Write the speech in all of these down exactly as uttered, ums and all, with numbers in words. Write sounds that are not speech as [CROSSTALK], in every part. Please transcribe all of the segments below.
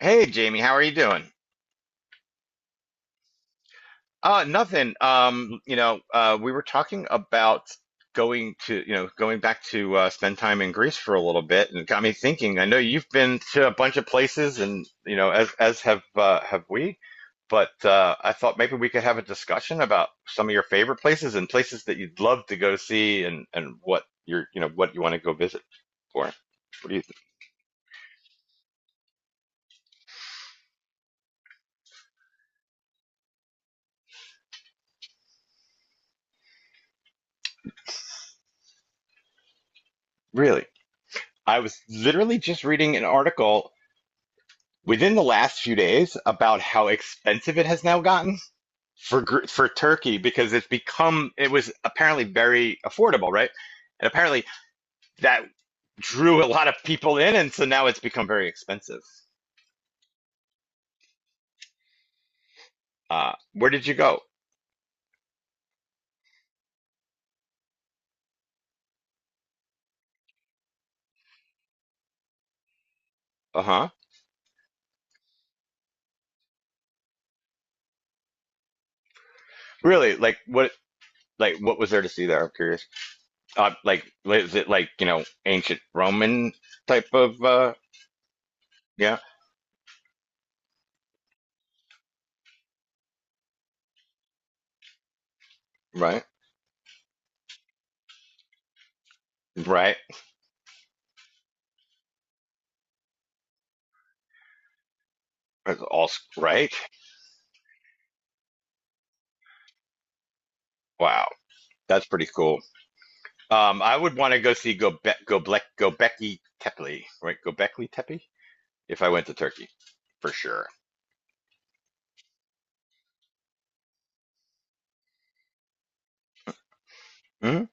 Hey Jamie, how are you doing? Uh, nothing. Um, you know, uh, we were talking about going to, you know, going back to uh, spend time in Greece for a little bit, and it got me thinking. I know you've been to a bunch of places, and you know, as as have uh, have we. But uh, I thought maybe we could have a discussion about some of your favorite places and places that you'd love to go see, and and what you're, you know, what you want to go visit for. What do you think? Really? I was literally just reading an article within the last few days about how expensive it has now gotten for for Turkey because it's become it was apparently very affordable, right? And apparently that drew a lot of people in, and so now it's become very expensive. Uh, where did you go? Uh huh. Really? Like what? Like what was there to see there? I'm curious. Uh, like is it like you know ancient Roman type of? uh Yeah. Right. Right. That's all right. Wow. That's pretty cool. Um, I would want to go see Göbek Göbek Göbekli Tepe, right? Göbekli Tepe, if I went to Turkey, for sure. Hmm.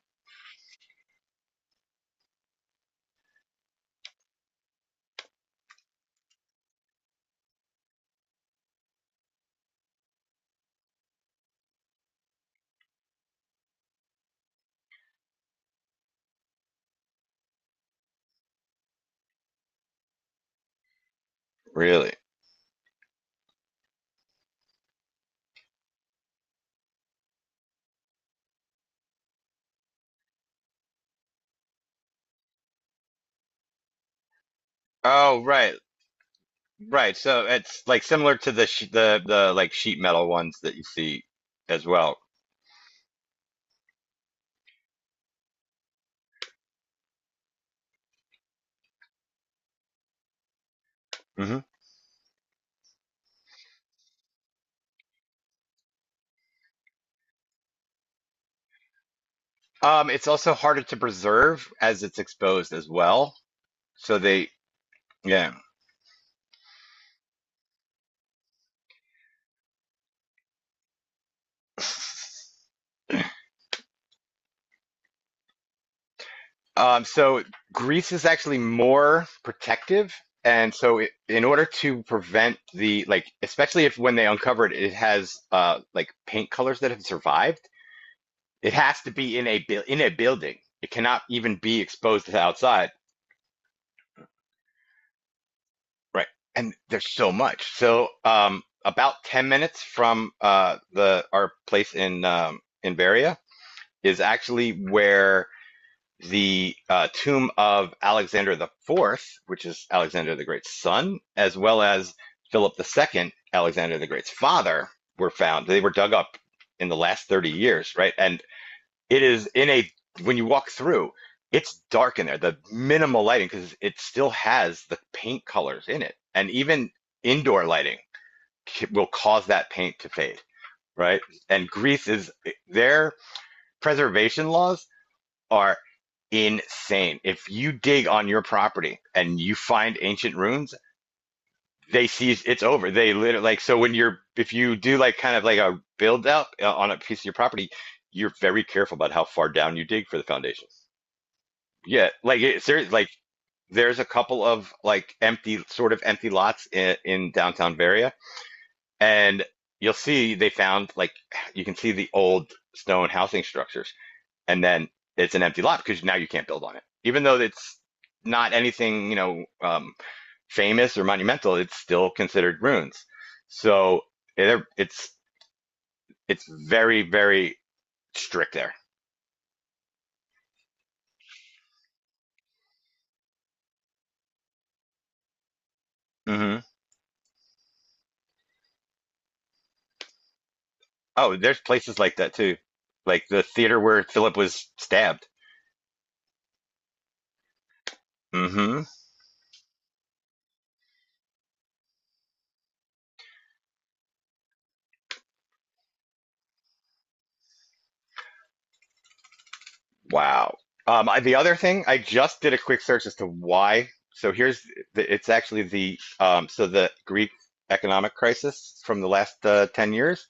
Really? Oh, right, right. So it's like similar to the sh the the like sheet metal ones that you see as well. Hmm. Um, it's also harder to preserve as it's exposed as well. So they, yeah. [LAUGHS] Um, so grease is actually more protective, and so it, in order to prevent the like, especially if when they uncover it, it has uh like paint colors that have survived. It has to be in a in a building. It cannot even be exposed to the outside. Right. And there's so much. So um, about ten minutes from uh the our place in um in Veria is actually where the uh, tomb of Alexander the Fourth, which is Alexander the Great's son, as well as Philip the Second, Alexander the Great's father, were found. They were dug up in the last thirty years, right? And it is in a, when you walk through, it's dark in there, the minimal lighting, because it still has the paint colors in it. And even indoor lighting will cause that paint to fade, right? And Greece is, their preservation laws are insane. If you dig on your property and you find ancient ruins, they see it's over. They literally like so when you're if you do like kind of like a build up uh, on a piece of your property, you're very careful about how far down you dig for the foundations. Yeah, like it's there like there's a couple of like empty sort of empty lots in, in downtown Varia and you'll see they found like you can see the old stone housing structures and then it's an empty lot because now you can't build on it. Even though it's not anything, you know, um, famous or monumental, it's still considered ruins. So yeah, they're- it's it's very very strict there. Hmm. Oh, there's places like that too, like the theater where Philip was stabbed. Hmm. Wow. Um, I, the other thing, I just did a quick search as to why. So here's the, it's actually the um, so the Greek economic crisis from the last uh, ten years.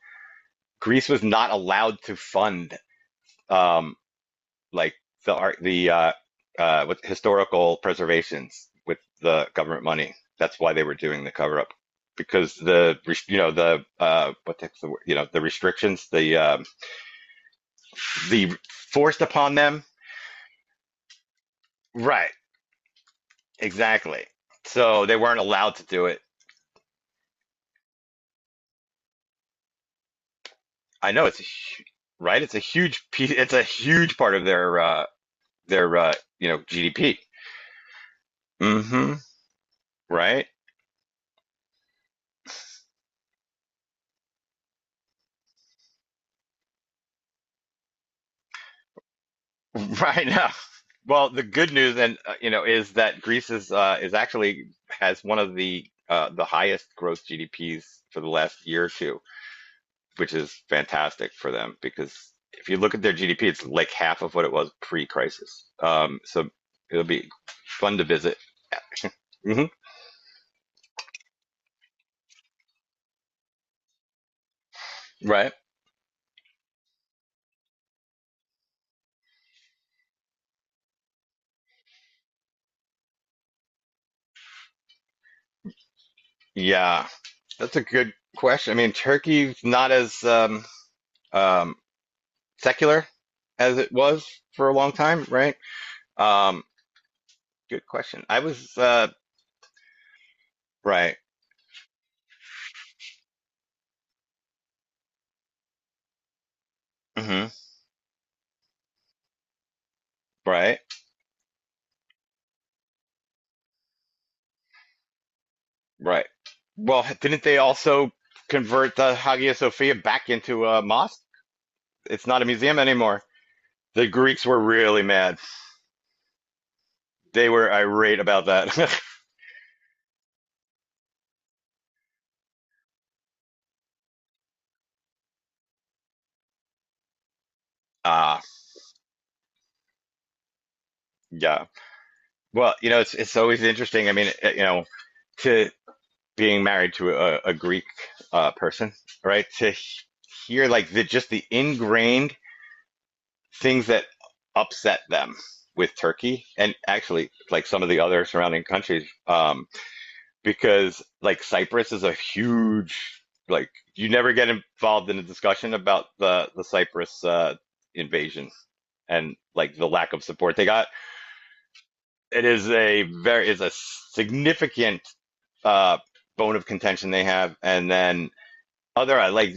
Greece was not allowed to fund um, like the art, the uh, uh, with historical preservations with the government money. That's why they were doing the cover up because the you know the uh, what the, word? You know the restrictions the um, the forced upon them. Right, exactly. So they weren't allowed to do it. I know it's a right. It's a huge piece. It's a huge part of their uh, their uh, you know G D P. Mm hmm. Right. Right now. [LAUGHS] Well, the good news and uh, you know is that Greece is uh, is actually has one of the uh, the highest growth G D Ps for the last year or two, which is fantastic for them because if you look at their G D P, it's like half of what it was pre-crisis. Um, so it'll be fun to visit. Hmm. Right? Yeah, that's a good question. I mean, Turkey's not as um, um, secular as it was for a long time, right? Um, Good question. I was uh, right. Hmm. Right. Right. Well, didn't they also convert the Hagia Sophia back into a mosque? It's not a museum anymore. The Greeks were really mad. They were irate about that. [LAUGHS] Ah, yeah. Well, you know, it's it's always interesting. I mean, uh, you know, to being married to a, a Greek uh, person, right? To he- hear like the just the ingrained things that upset them with Turkey and actually like some of the other surrounding countries. Um, because like Cyprus is a huge like you never get involved in a discussion about the the Cyprus uh, invasion and like the lack of support they got. It is a very is a significant uh, bone of contention they have, and then other I like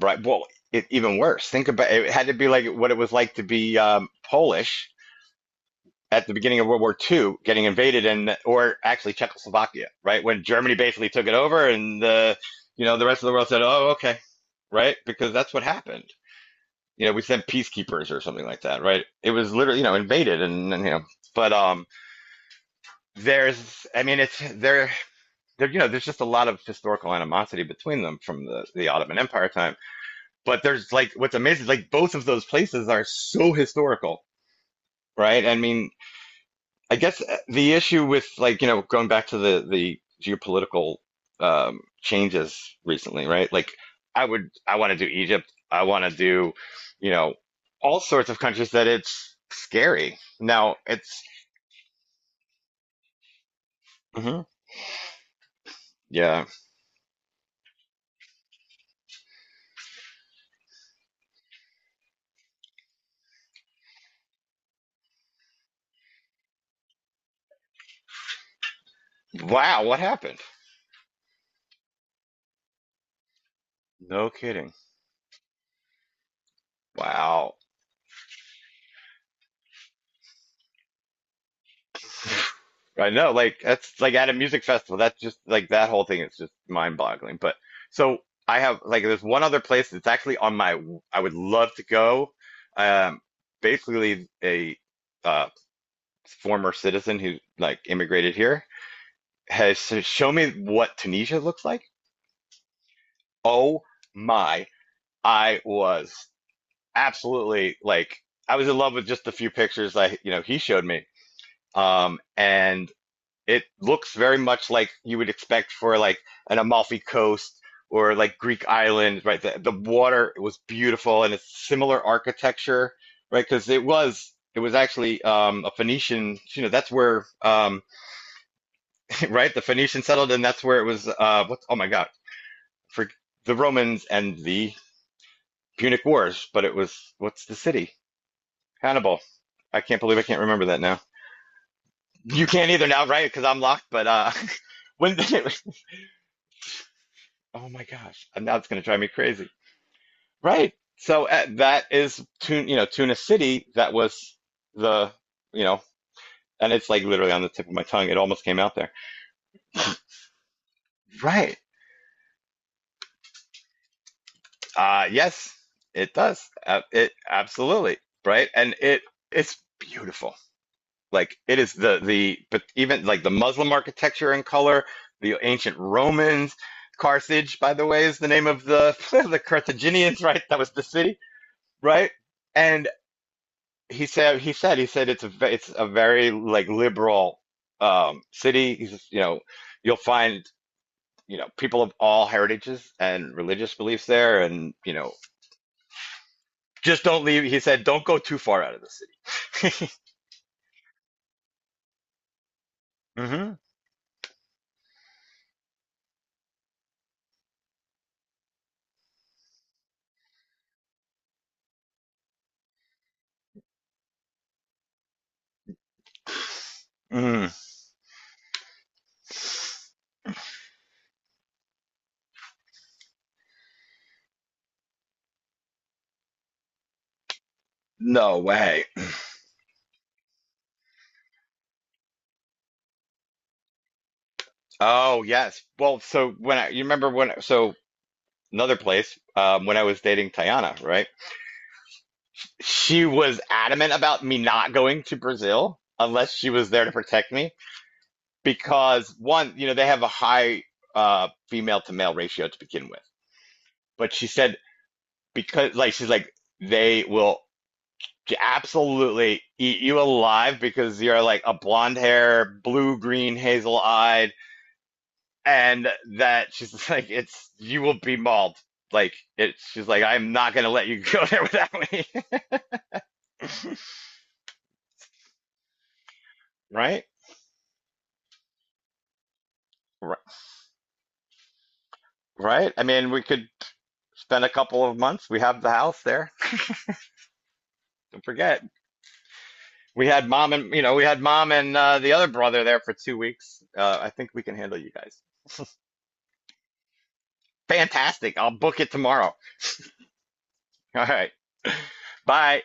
right well it, even worse. Think about it it had to be like what it was like to be um, Polish at the beginning of World War Two, getting invaded and or actually Czechoslovakia, right? When Germany basically took it over and the you know the rest of the world said, "Oh, okay." Right? Because that's what happened. You know, we sent peacekeepers or something like that, right? It was literally, you know, invaded and, and you know, but um there's I mean it's there there you know there's just a lot of historical animosity between them from the the Ottoman Empire time. But there's like what's amazing like both of those places are so historical, right? I mean, I guess uh, the issue with like, you know, going back to the the geopolitical um, changes recently, right? Like, I would, I want to do Egypt. I want to do, you know, all sorts of countries that it's scary. Now it's, hmm yeah. Wow, what happened? No kidding. Wow. I know, like that's like at a music festival. That's just like that whole thing is just mind-boggling. But so I have like there's one other place that's actually on my I would love to go. Um, basically a uh, former citizen who like immigrated here has s- shown me what Tunisia looks like. Oh my, I was absolutely like I was in love with just the few pictures I you know he showed me. Um, and. It looks very much like you would expect for like an Amalfi Coast or like Greek island, right? The, the water was beautiful and it's similar architecture, right? Because it was it was actually um, a Phoenician, you know, that's where um, [LAUGHS] right the Phoenicians settled, and that's where it was. Uh, what's oh my God, for the Romans and the Punic Wars, but it was what's the city? Hannibal. I can't believe I can't remember that now. You can't either now, right? Because I'm locked. But uh, [LAUGHS] when did it, oh my gosh, and that's going to drive me crazy. Right. So uh, that is Tun, you know, Tuna City. That was the, you know, and it's like literally on the tip of my tongue. It almost came out there. Right. Uh, yes, it does. Uh, it absolutely. Right. And it it's beautiful. Like it is the the but even like the Muslim architecture and color, the ancient Romans. Carthage, by the way, is the name of the [LAUGHS] the Carthaginians, right? That was the city, right? And he said he said he said it's a ve- it's a very like liberal um city. He says, you know you'll find you know people of all heritages and religious beliefs there and you know just don't leave he said don't go too far out of the city [LAUGHS] hmm mm. No way. Oh yes, well so when I you remember when so another place um when I was dating Tayana right she was adamant about me not going to Brazil unless she was there to protect me because one, you know, they have a high uh, female to male ratio to begin with. But she said because like she's like they will absolutely eat you alive because you're like a blonde hair, blue green, hazel eyed, and that [LAUGHS] she's like it's you will be mauled. Like it, she's like I'm not gonna let you [LAUGHS] go there without me, [LAUGHS] right? Right. I mean, we could spend a couple of months. We have the house there. Don't forget. We had mom and you know we had mom and uh, the other brother there for two weeks. Uh, I think we can handle you guys. Fantastic. I'll book it tomorrow. All right. Bye.